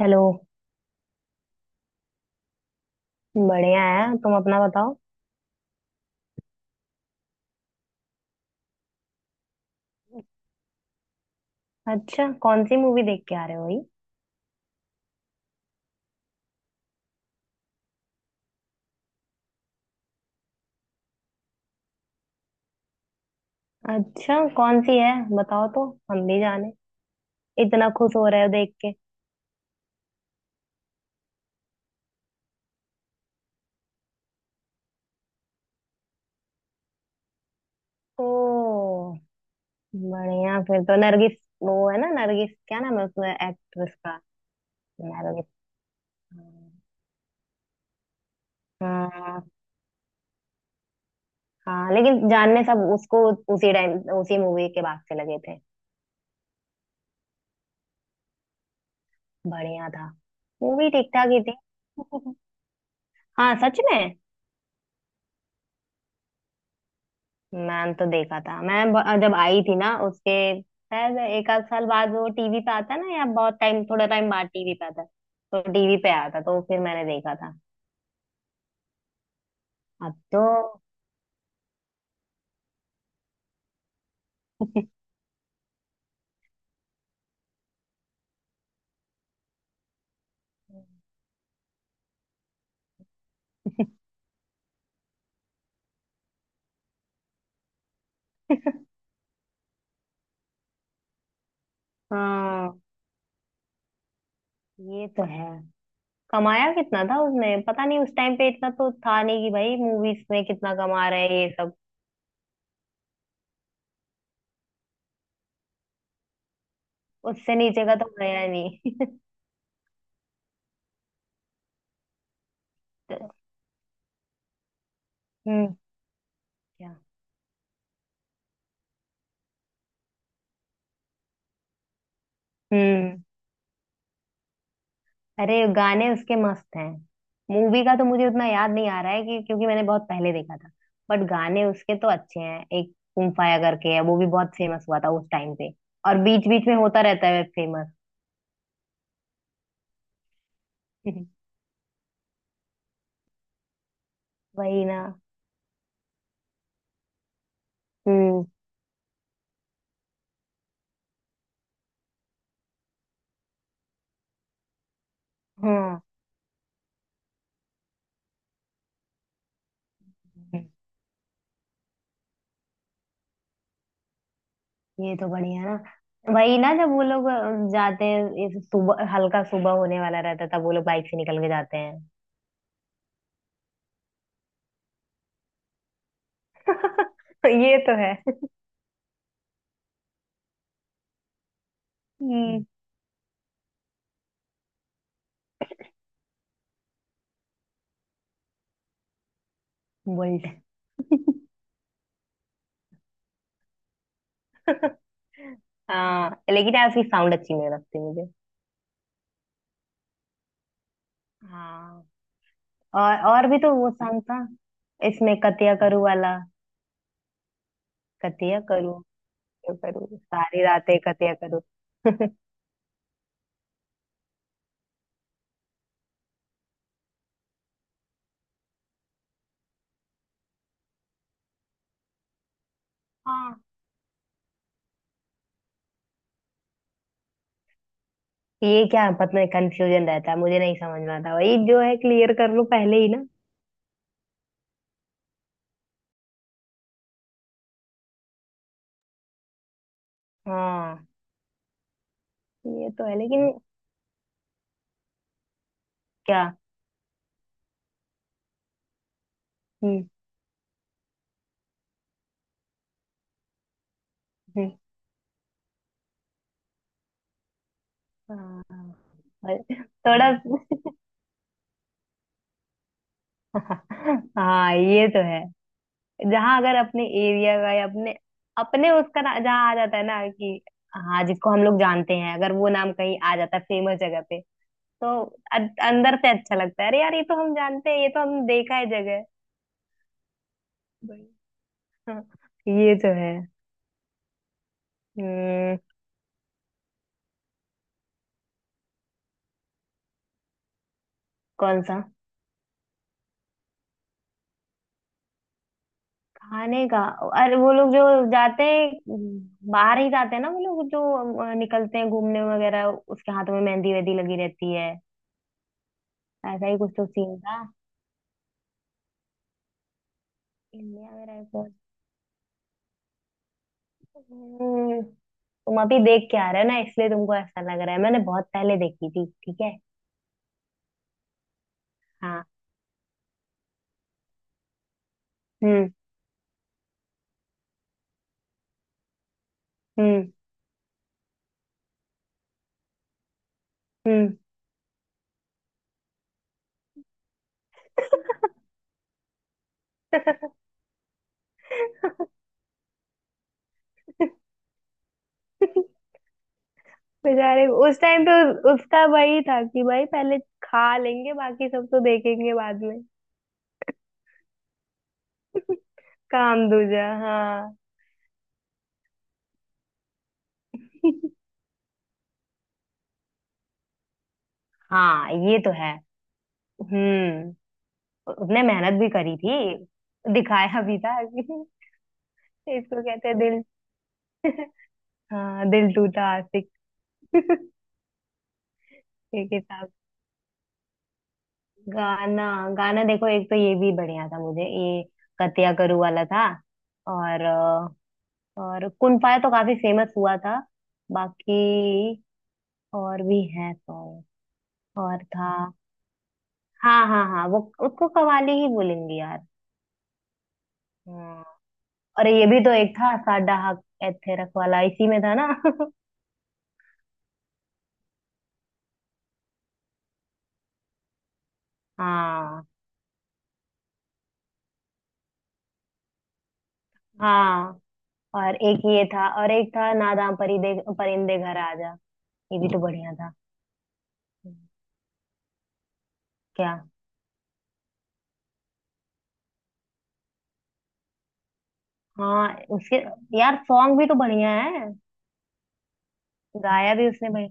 Hello. बढ़िया है, तुम अपना बताओ। अच्छा, कौन सी मूवी देख के आ रहे हो भाई? अच्छा, कौन सी है बताओ तो, हम भी जाने। इतना खुश हो रहे हो देख के। ओ, बढ़िया। फिर तो नरगिस, वो है ना नरगिस, क्या नाम है उसमें एक्ट्रेस का। नरगिस। हाँ, हाँ लेकिन जानने सब उसको उसी टाइम, उसी मूवी के बाद से लगे थे। बढ़िया था। मूवी ठीक ठाक ही थी। हाँ, सच में। मैंने तो देखा था, मैं जब आई थी ना उसके शायद एक आध साल बाद वो टीवी पे आता है ना, या बहुत टाइम, थोड़ा टाइम बाद टीवी पे आता है। तो टीवी पे आया था तो फिर मैंने देखा था। अब तो हाँ, ये तो है। कमाया कितना था उसने पता नहीं। उस टाइम पे इतना तो था नहीं कि भाई मूवीज में कितना कमा रहे हैं ये सब। उससे नीचे का तो गया ही नहीं। तो, हम्म। क्या? हम्म। अरे गाने उसके मस्त हैं। मूवी का तो मुझे उतना याद नहीं आ रहा है कि, क्योंकि मैंने बहुत पहले देखा था। बट गाने उसके तो अच्छे हैं। एक कुम फाया करके है वो भी बहुत फेमस हुआ था उस टाइम पे। और बीच बीच में होता रहता है फेमस। वही ना। हम्म। हाँ, ये तो बढ़िया ना। वही ना, जब वो लोग जाते हैं इस सुबह, हल्का सुबह होने वाला रहता है, तब वो लोग बाइक से निकल के जाते हैं। ये तो है। हम्म। बुलेट। हाँ लेकिन यार उसकी साउंड अच्छी नहीं लगती मुझे। हाँ। और भी तो वो सॉन्ग था, इसमें कतिया करूँ वाला। कतिया करूँ। क्यों करूँ सारी रातें कतिया करूँ। हाँ। ये क्या पता नहीं, कंफ्यूजन रहता है, मुझे नहीं समझ में आता। वही जो है, क्लियर कर लो पहले ही ना। हाँ ये तो है लेकिन। क्या? हम्म। हम्म, हाँ। और थोड़ा हाँ ये तो है। जहाँ अगर अपने एरिया का, या अपने अपने उसका ना, जहाँ आ जाता है ना कि, हाँ जिसको हम लोग जानते हैं, अगर वो नाम कहीं आ जाता है फेमस जगह पे, तो अ- अंदर से अच्छा लगता है, अरे यार ये तो हम जानते हैं, ये तो हम देखा है जगह। वही। हाँ, ये तो है। हम्म। कौन सा? खाने का? अरे वो लोग जो जाते हैं, बाहर ही जाते हैं ना वो लोग, जो निकलते हैं घूमने वगैरह, उसके हाथों में मेहंदी वेहंदी लगी रहती है। ऐसा ही कुछ तो सीन था। इंडिया में। तुम अभी देख के आ रहे हो ना इसलिए तुमको ऐसा लग रहा है, मैंने बहुत पहले देखी थी। ठीक है हाँ। हम्म। हम्म। हम्म। बेचारे उस टाइम पे उसका वही था कि भाई पहले खा लेंगे, बाकी सब तो देखेंगे बाद में। काम दूजा हाँ। हाँ, ये तो है। हम्म। उसने मेहनत भी करी थी। दिखाया भी था कि इसको कहते हैं दिल। हाँ, दिल टूटा आशिक। एक हिसाब। गाना? गाना देखो, एक तो ये भी बढ़िया था मुझे, ये कतिया करू वाला था। और और कुन फाया तो काफी फेमस हुआ था। बाकी और भी है सॉन्ग। और था। हाँ हाँ हाँ, वो, उसको कवाली ही बोलेंगे यार। हाँ। और ये भी तो एक था, साडा हक एथेरक वाला इसी में था ना। हाँ हाँ। और एक ये था, और एक था, नादाम परिदे परिंदे घर आजा। ये भी तो बढ़िया था। क्या? हाँ उसके। यार सॉन्ग भी तो बढ़िया है। गाया भी उसने भाई।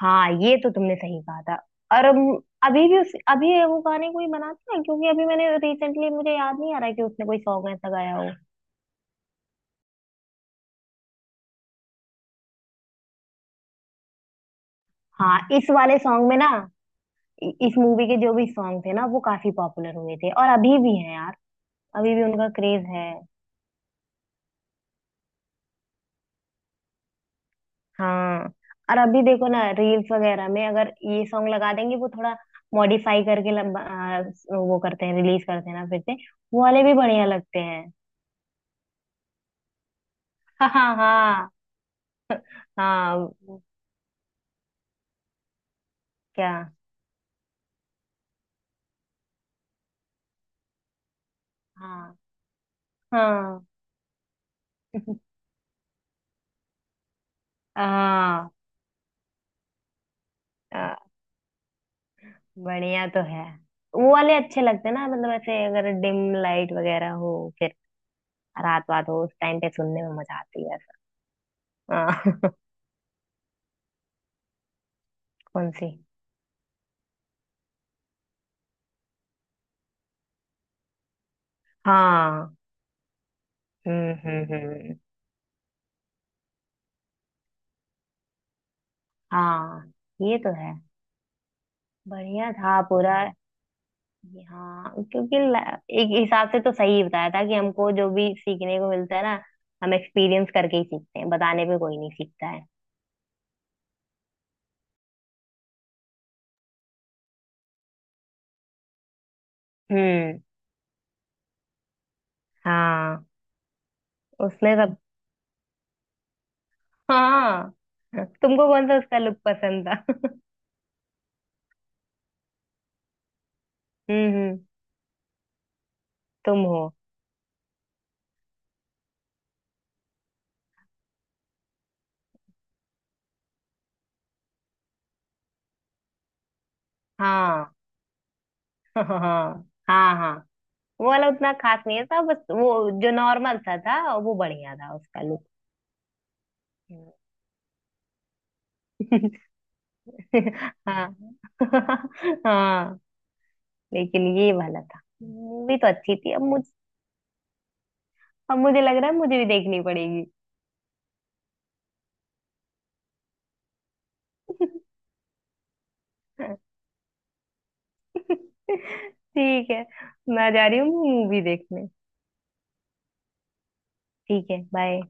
हाँ ये तो तुमने सही कहा था। और अभी भी उस, अभी वो गाने कोई बनाता है, क्योंकि अभी मैंने रिसेंटली मुझे याद नहीं आ रहा कि उसने कोई सॉन्ग ऐसा गाया हो। हाँ इस वाले सॉन्ग में ना, इस मूवी के जो भी सॉन्ग थे ना, वो काफी पॉपुलर हुए थे और अभी भी हैं यार। अभी भी उनका क्रेज है। हाँ, और अभी देखो ना रील्स वगैरह में अगर ये सॉन्ग लगा देंगे वो थोड़ा मॉडिफाई करके, लंबा वो करते हैं, रिलीज करते हैं ना फिर से। वो वाले भी बढ़िया लगते हैं। हाँ हाँ हाँ। हाँ। क्या? हाँ। हाँ। हाँ। हाँ, बढ़िया तो है। वो वाले अच्छे लगते हैं ना, मतलब ऐसे अगर डिम लाइट वगैरह हो, फिर रात बात हो, उस टाइम पे सुनने में मजा आती है ऐसा। हाँ। कौन सी? हाँ। हम्म। हम्म। हम्म। हाँ, ये तो है। बढ़िया था पूरा। हाँ, क्योंकि एक हिसाब से तो सही बताया था कि हमको जो भी सीखने को मिलता है ना, हम एक्सपीरियंस करके ही सीखते हैं, बताने पे कोई नहीं सीखता है। हम्म। हाँ उसमें सब। हाँ। तुमको कौन सा उसका लुक पसंद था? हम्म। तुम हो। हाँ। हाँ हाँ हाँ। वो वाला उतना खास नहीं था, बस वो जो नॉर्मल सा था वो बढ़िया था उसका लुक। हाँ। हाँ लेकिन ये वाला था, मूवी तो अच्छी थी। अब मुझ, अब मुझे लग रहा है मुझे भी देखनी पड़ेगी। ठीक है, मैं जा रही हूँ मूवी देखने। ठीक है, बाय।